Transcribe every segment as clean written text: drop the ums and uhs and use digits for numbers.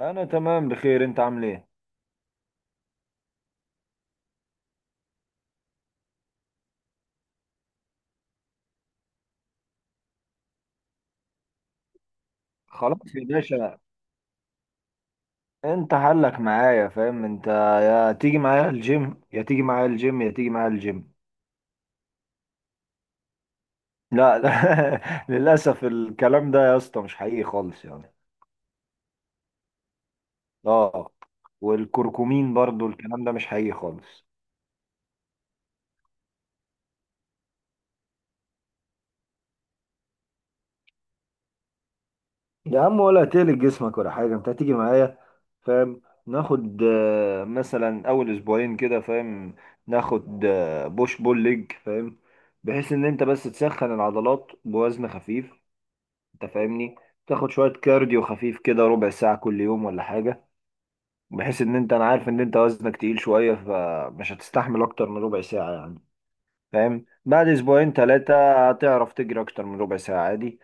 انا تمام بخير. انت عامل ايه؟ خلاص يا باشا. انت حلك معايا، فاهم انت؟ يا تيجي معايا الجيم، يا تيجي معايا الجيم، يا تيجي معايا الجيم. لا لا، للاسف الكلام ده يا اسطى مش حقيقي خالص يعني. اه. والكركمين برضو الكلام ده مش حقيقي خالص. يا عم، ولا هتقلق جسمك ولا حاجة، انت هتيجي معايا. فاهم؟ ناخد مثلا اول اسبوعين كده، فاهم؟ ناخد بوش بول ليج، فاهم؟ بحيث ان انت بس تسخن العضلات بوزن خفيف. انت فاهمني؟ تاخد شوية كارديو خفيف كده، ربع ساعة كل يوم ولا حاجة. بحيث ان انت، انا عارف ان انت وزنك تقيل شوية، فمش هتستحمل اكتر من ربع ساعة يعني. فاهم؟ بعد اسبوعين ثلاثة هتعرف تجري اكتر من ربع ساعة عادي.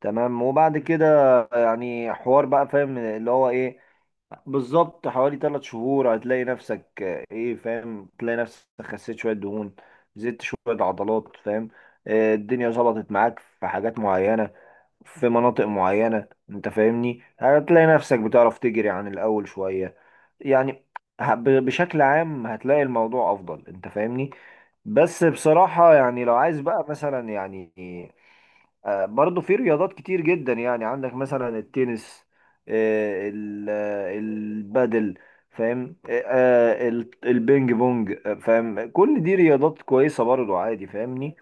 تمام؟ وبعد كده يعني حوار بقى، فاهم اللي هو ايه، بالظبط حوالي ثلاث شهور هتلاقي نفسك، ايه، فاهم؟ تلاقي نفسك خسيت شوية دهون، زدت شوية عضلات، فاهم؟ الدنيا ظبطت معاك في حاجات معينة، في مناطق معينة. انت فاهمني؟ هتلاقي نفسك بتعرف تجري عن الأول شوية يعني. بشكل عام هتلاقي الموضوع أفضل. انت فاهمني؟ بس بصراحة، يعني لو عايز بقى مثلا يعني، برضو في رياضات كتير جدا، يعني عندك مثلا التنس، البادل، فاهم؟ البينج بونج، فاهم؟ كل دي رياضات كويسة برضو، عادي، فاهمني؟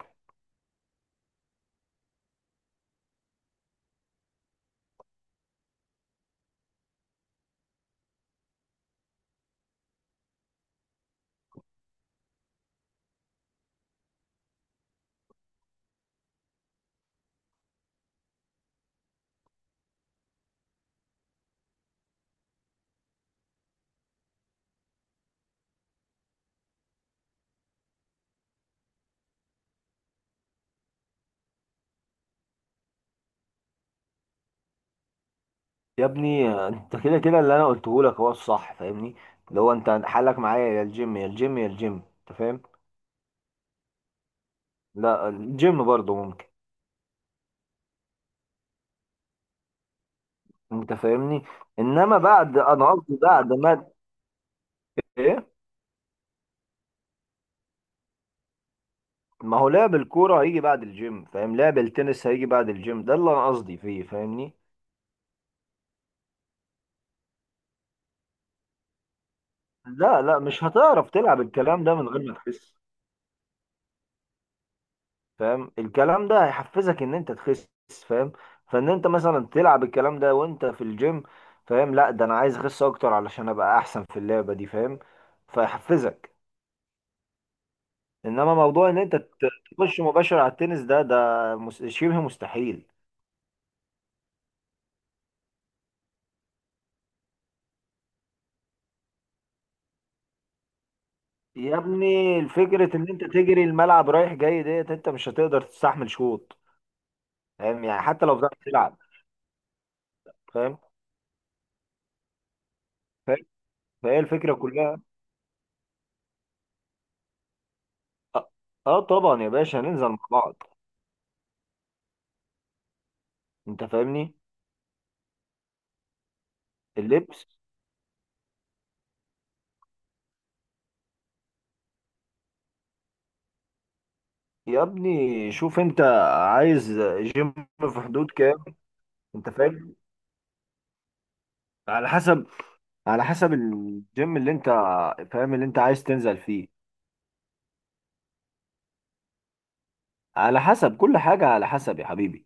يا ابني، انت كده كده اللي انا قلته لك هو الصح، فاهمني؟ اللي هو انت حالك معايا يا الجيم يا الجيم يا الجيم. انت فاهم؟ لا، الجيم برضه ممكن. انت فاهمني؟ انما بعد، انا قصدي بعد ما، ايه، ما هو لعب الكوره هيجي بعد الجيم، فاهم؟ لعب التنس هيجي بعد الجيم، ده اللي انا قصدي فيه، فاهمني؟ لا لا، مش هتعرف تلعب الكلام ده من غير ما تخس. فاهم؟ الكلام ده هيحفزك ان انت تخس. فاهم؟ فان انت مثلا تلعب الكلام ده وانت في الجيم، فاهم؟ لا ده انا عايز اخس اكتر علشان ابقى احسن في اللعبة دي، فاهم؟ فيحفزك. انما موضوع ان تخش مباشر على التنس ده، شبه مستحيل. يا ابني، الفكرة ان انت تجري الملعب رايح جاي ديت، انت مش هتقدر تستحمل شوط. فاهم؟ يعني حتى لو بتعرف تلعب. فاهم؟ فاهم؟ فهي الفكرة كلها. اه. آه طبعا يا باشا، هننزل مع بعض. انت فاهمني؟ اللبس. يا ابني، شوف انت عايز جيم في حدود كام. انت فاهم؟ على حسب، على حسب الجيم اللي انت، فاهم، اللي انت عايز تنزل فيه. على حسب كل حاجة، على حسب يا حبيبي.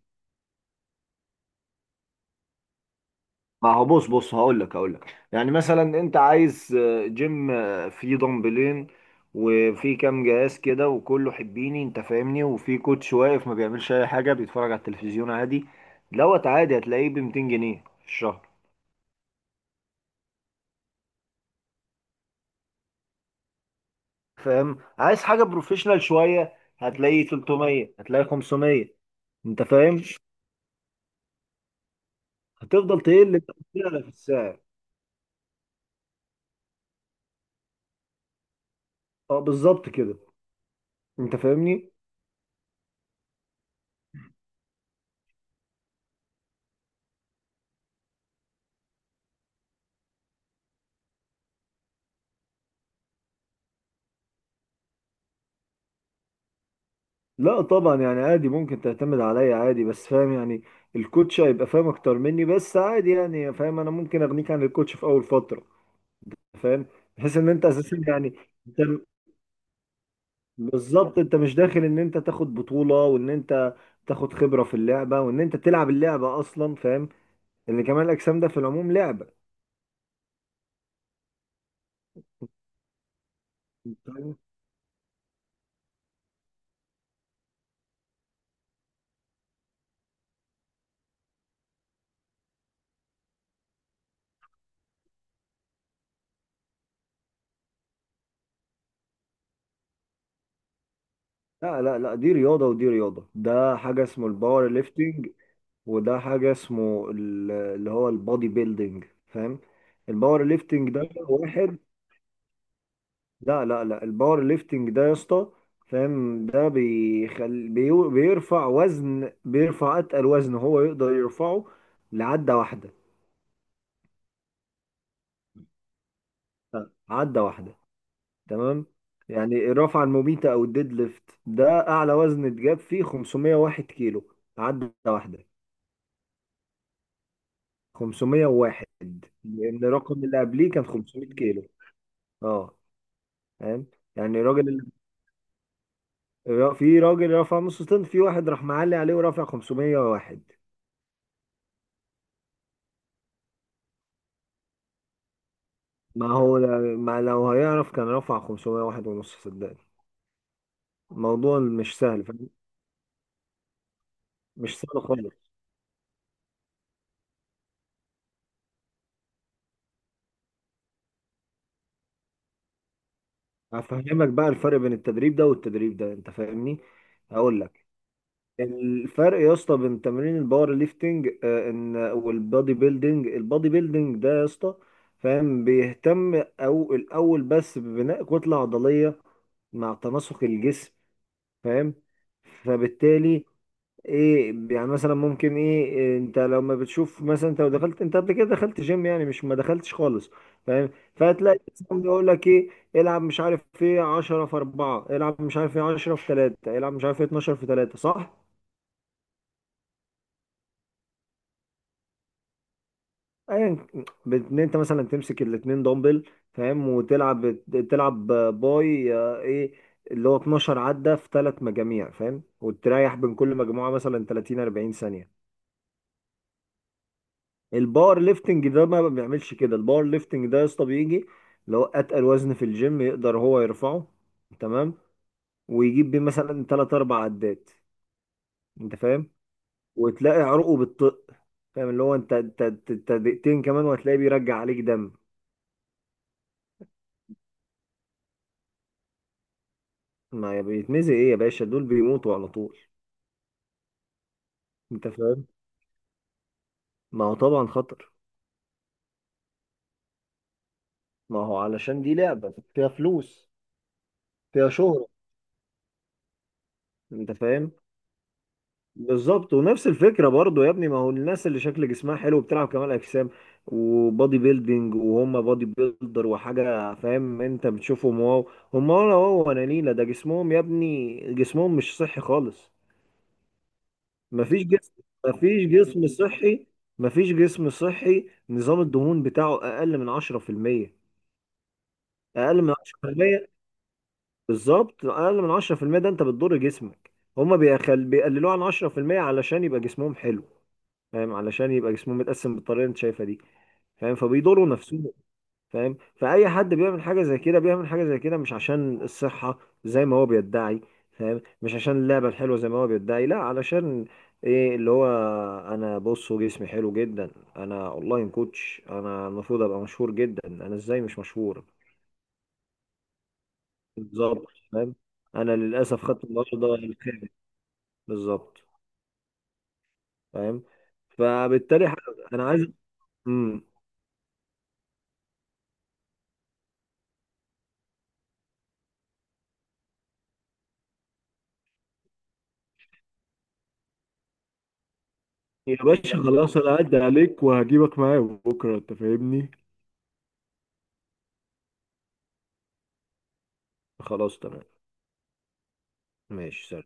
ما هو بص بص، هقول لك يعني، مثلا انت عايز جيم فيه دمبلين، وفي كام جهاز كده، وكله حبيني، انت فاهمني، وفي كوتش واقف ما بيعملش اي حاجة، بيتفرج على التلفزيون عادي، دوت، عادي هتلاقيه ب 200 جنيه في الشهر. فاهم؟ عايز حاجه بروفيشنال شويه، هتلاقي 300، هتلاقي 500. انت فاهم؟ هتفضل تقل كده في السعر. اه بالظبط كده. انت فاهمني؟ لا طبعا، يعني عادي ممكن تعتمد عليا عادي، بس فاهم يعني، الكوتش هيبقى فاهم اكتر مني، بس عادي يعني، فاهم، انا ممكن اغنيك عن الكوتش في اول فتره. فاهم؟ بحيث ان انت اساسا يعني، انت، بالظبط انت مش داخل ان انت تاخد بطوله، وان انت تاخد خبره في اللعبه، وان انت تلعب اللعبه اصلا، فاهم، ان كمال الاجسام ده في العموم لعبه. طيب. لا لا لا، دي رياضة ودي رياضة، ده حاجة اسمه الباور ليفتنج، وده اللي هو البودي بيلدينج، فاهم؟ الباور ليفتنج ده واحد. لا لا لا، الباور ليفتنج ده يا اسطى، فاهم، ده بيرفع وزن، بيرفع اتقل وزن هو يقدر يرفعه لعدة واحدة، عدة واحدة. تمام؟ يعني الرفعة المميتة او الديد ليفت، ده اعلى وزن اتجاب فيه 501 كيلو، عدة واحدة. 501، لان الرقم اللي قبليه كان 500 كيلو. اه. فاهم؟ يعني الراجل اللي، في راجل رفع نص طن، في واحد راح معلي عليه ورفع 501. ما هو، ما لو هيعرف كان رفع 501 ونص، صدقني الموضوع مش سهل. فاهم؟ مش سهل خالص. هفهمك بقى الفرق بين التدريب ده والتدريب ده. انت فاهمني؟ هقول لك، الفرق يا اسطى بين تمرين الباور ليفتنج ان والبادي بيلدينج، البادي بيلدينج ده يا اسطى، فاهم، بيهتم او الاول بس ببناء كتله عضليه مع تناسق الجسم. فاهم؟ فبالتالي ايه يعني، مثلا ممكن ايه إيه، انت لما بتشوف مثلا، انت لو دخلت، انت قبل كده دخلت جيم يعني، مش ما دخلتش خالص. فاهم؟ فهتلاقي مثلاً يقول لك ايه، العب مش عارف ايه 10 في 4، العب مش عارف ايه 10 في 3، العب مش عارف ايه 12 في 3، صح؟ ايا، ان انت مثلا تمسك الاتنين دمبل، فاهم، وتلعب، تلعب باي ايه، اللي هو 12 عدة في ثلاث مجاميع، فاهم، وتريح بين كل مجموعة مثلا 30 40 ثانية. الباور ليفتنج ده ما بيعملش كده، الباور ليفتنج ده يا اسطى بيجي اللي هو اتقل وزن في الجيم يقدر هو يرفعه، تمام، ويجيب بيه مثلا 3 4 عدات. انت فاهم؟ وتلاقي عروقه بتطق، فاهم، اللي هو انت، أنت دقيقتين كمان وهتلاقيه بيرجع عليك دم. ما بيتمزق ايه يا باشا، دول بيموتوا على طول. انت فاهم؟ ما هو طبعا خطر. ما هو علشان دي لعبة فيها فلوس، فيها شهرة. انت فاهم؟ بالظبط. ونفس الفكرة برضو يا ابني، ما هو الناس اللي شكل جسمها حلو بتلعب كمال اجسام وبادي بيلدينج، وهم بادي بيلدر وحاجة، فاهم، انت بتشوفهم واو، هم ولا واو ولا نيلة، ده جسمهم يا ابني جسمهم مش صحي خالص. مفيش جسم، مفيش جسم صحي، مفيش جسم صحي، نظام الدهون بتاعه اقل من 10%. اقل من 10%، بالظبط اقل من 10%، ده انت بتضر جسمك. هما بيقللوه عن 10% علشان يبقى جسمهم حلو، فاهم، علشان يبقى جسمهم متقسم بالطريقه اللي انت شايفها دي، فاهم، فبيضروا نفسهم. فاهم؟ فاي حد بيعمل حاجه زي كده، بيعمل حاجه زي كده مش عشان الصحه زي ما هو بيدعي، فاهم، مش عشان اللعبه الحلوه زي ما هو بيدعي، لا، علشان ايه، اللي هو انا بصوا جسمي حلو جدا، انا اونلاين كوتش، انا المفروض ابقى مشهور جدا، انا ازاي مش مشهور. بالظبط. فاهم؟ انا للاسف خدت النهارده الخامس. بالظبط. فاهم؟ فبالتالي انا عايز، امم. يا باشا خلاص، انا هعدي عليك وهجيبك معايا بكره. انت فاهمني؟ خلاص تمام. ماشي سلام.